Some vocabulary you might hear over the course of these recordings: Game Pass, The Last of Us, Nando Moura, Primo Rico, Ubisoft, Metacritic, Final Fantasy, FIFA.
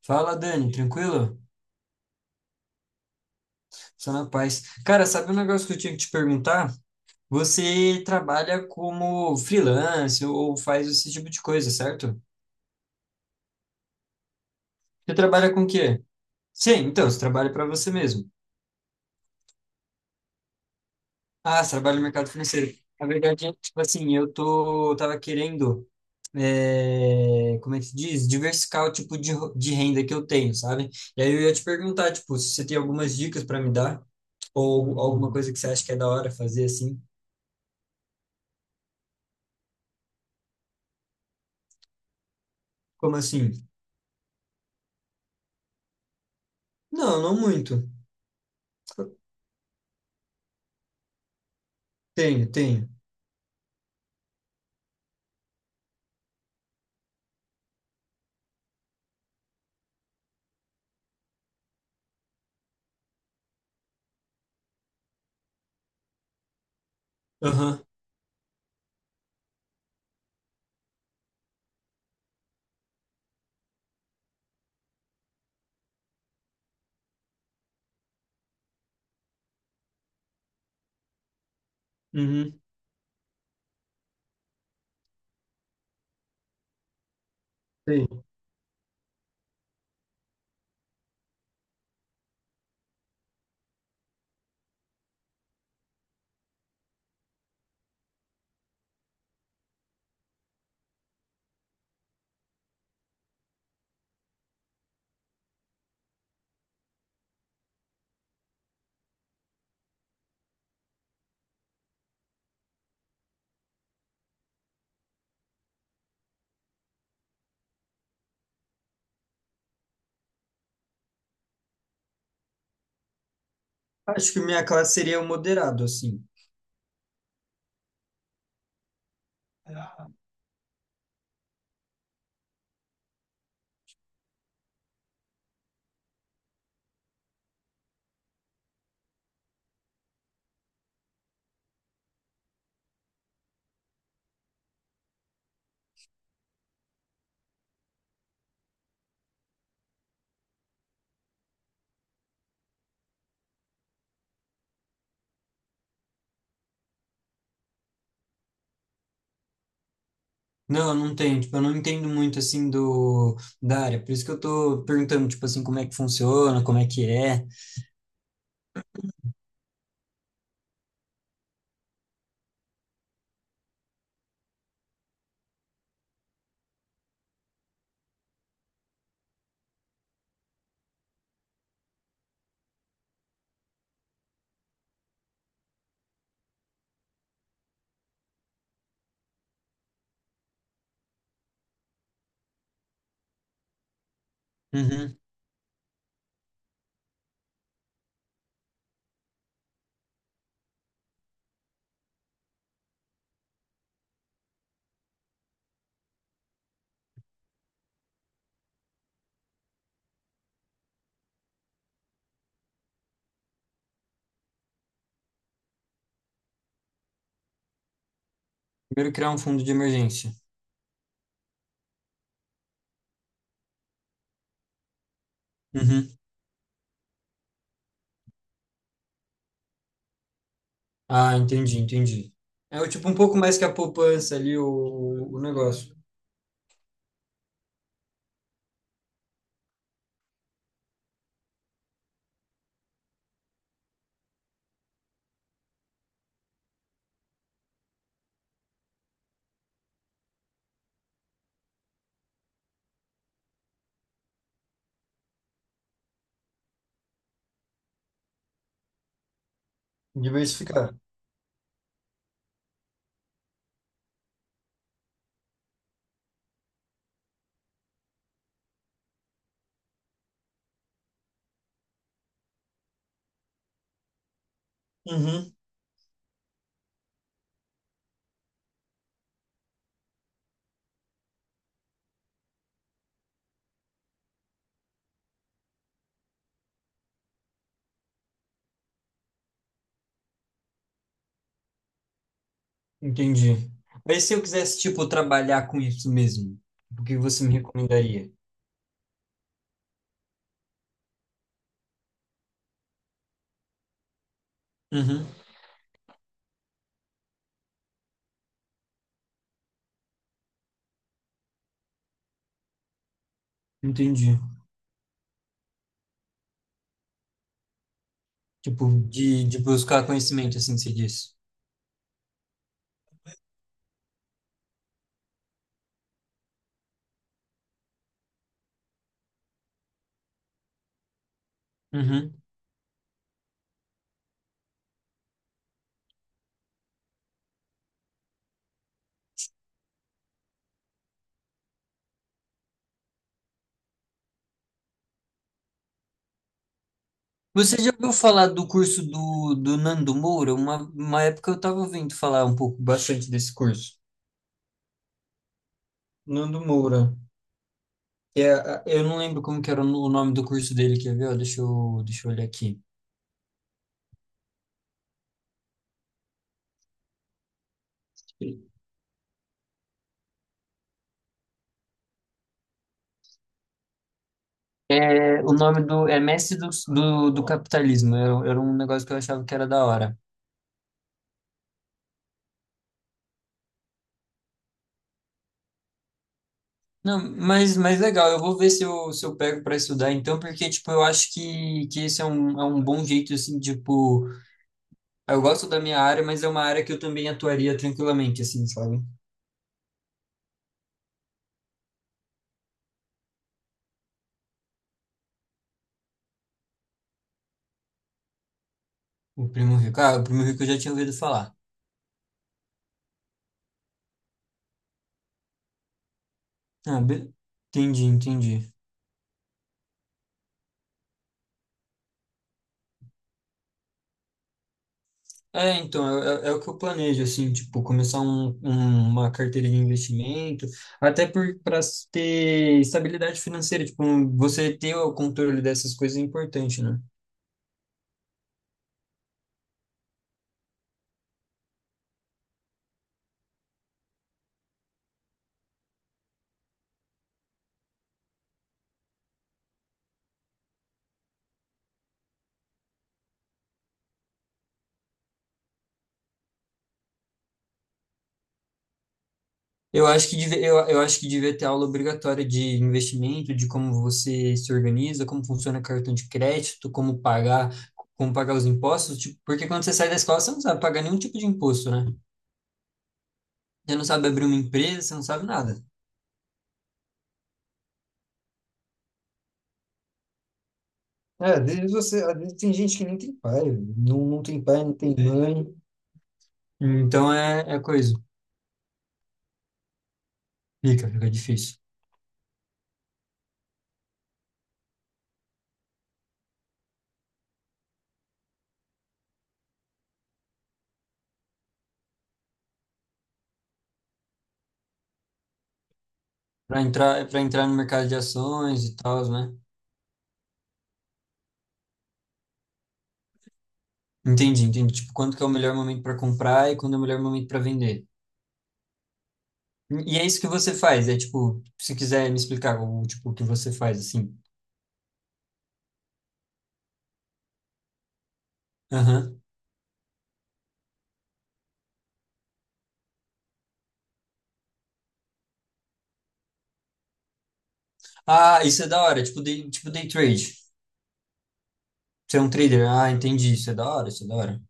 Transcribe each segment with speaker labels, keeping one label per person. Speaker 1: Fala, Dani, tranquilo? Só na paz. Cara, sabe um negócio que eu tinha que te perguntar? Você trabalha como freelance ou faz esse tipo de coisa, certo? Você trabalha com o quê? Sim, então, você trabalha para você mesmo. Ah, você trabalha no mercado financeiro. Na verdade, é, tipo assim, eu tava querendo, é, como é que se diz? Diversificar o tipo de, de renda que eu tenho, sabe? E aí eu ia te perguntar, tipo, se você tem algumas dicas para me dar ou alguma coisa que você acha que é da hora fazer assim. Como assim? Não, não muito. Tenho, tenho. Aham. Uhum. Tenho. Acho que minha classe seria o moderado, assim. Não, não tenho. Tipo, eu não entendo muito, assim, da área. Por isso que eu tô perguntando, tipo assim, como é que funciona, como é que é. Uhum. Primeiro criar um fundo de emergência. Uhum. Ah, entendi, entendi. É o tipo um pouco mais que a poupança ali, o negócio. Diversificar. Uhum. Entendi. Mas se eu quisesse, tipo, trabalhar com isso mesmo, o que você me recomendaria? Uhum. Entendi. Tipo, de buscar conhecimento, assim se diz. Uhum. Você já ouviu falar do curso do Nando Moura? Uma época eu estava ouvindo falar um pouco, bastante desse curso. Nando Moura. É, eu não lembro como que era o o nome do curso dele, quer ver? Ó, deixa eu, deixa eu olhar aqui. É, o nome do... É Mestre do Capitalismo. Era um negócio que eu achava que era da hora. Não, mas legal, eu vou ver se eu, se eu pego para estudar então, porque, tipo, eu acho que esse é um bom jeito, assim, tipo, eu gosto da minha área, mas é uma área que eu também atuaria tranquilamente, assim, sabe? O Primo Rico. Ah, o Primo Rico eu já tinha ouvido falar. Ah, be... entendi, entendi. É, então, é o que eu planejo, assim, tipo, começar um, uma carteira de investimento, até por, para ter estabilidade financeira, tipo, você ter o controle dessas coisas é importante, né? Eu acho que eu acho que devia ter aula obrigatória de investimento, de como você se organiza, como funciona cartão de crédito, como pagar os impostos, tipo, porque quando você sai da escola, você não sabe pagar nenhum tipo de imposto, né? Você não sabe abrir uma empresa, você não sabe nada. É, às vezes tem gente que nem tem pai, não, não tem pai, não tem É. mãe. Então é, é coisa. Fica, fica difícil. Para entrar no mercado de ações e tal, né? Entendi, entendi. Tipo, quando que é o melhor momento para comprar e quando é o melhor momento para vender. E é isso que você faz, é tipo, se quiser me explicar o tipo o que você faz assim. Aham. Ah, isso é da hora, tipo day trade. Você é um trader. Ah, entendi, isso é da hora, isso é da hora.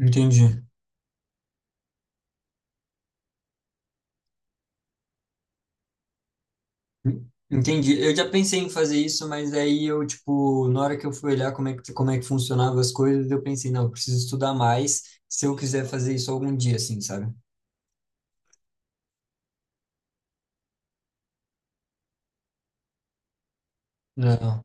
Speaker 1: Entendi. En- Entendi. Eu já pensei em fazer isso, mas aí eu tipo, na hora que eu fui olhar como é que funcionava as coisas, eu pensei, não, eu preciso estudar mais se eu quiser fazer isso algum dia assim, sabe? Não.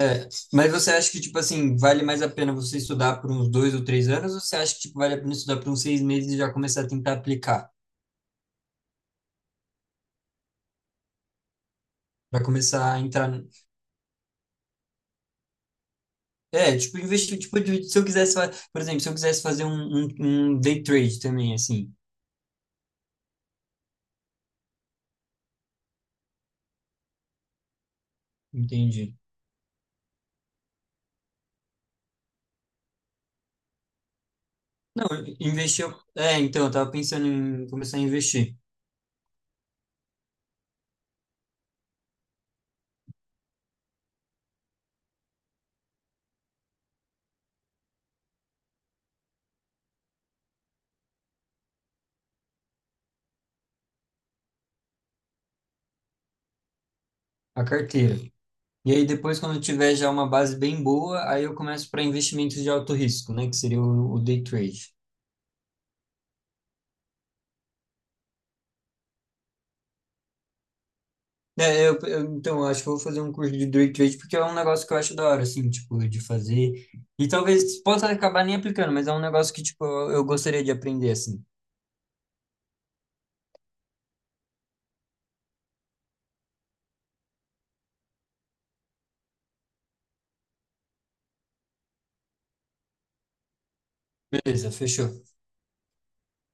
Speaker 1: É, mas você acha que, tipo assim, vale mais a pena você estudar por uns dois ou três anos, ou você acha que, tipo, vale a pena estudar por uns seis meses e já começar a tentar aplicar? Pra começar a entrar. É, tipo, investir, tipo, se eu quisesse, por exemplo, se eu quisesse fazer um, um, um day trade também, assim, entendi. Não, investir. É, então, eu tava pensando em começar a investir a carteira. E aí depois, quando eu tiver já uma base bem boa, aí eu começo para investimentos de alto risco, né? Que seria o day trade. É, então, eu acho que eu vou fazer um curso de day trade porque é um negócio que eu acho da hora, assim, tipo, de fazer. E talvez possa acabar nem aplicando, mas é um negócio que, tipo, eu gostaria de aprender, assim. Beleza, fechou.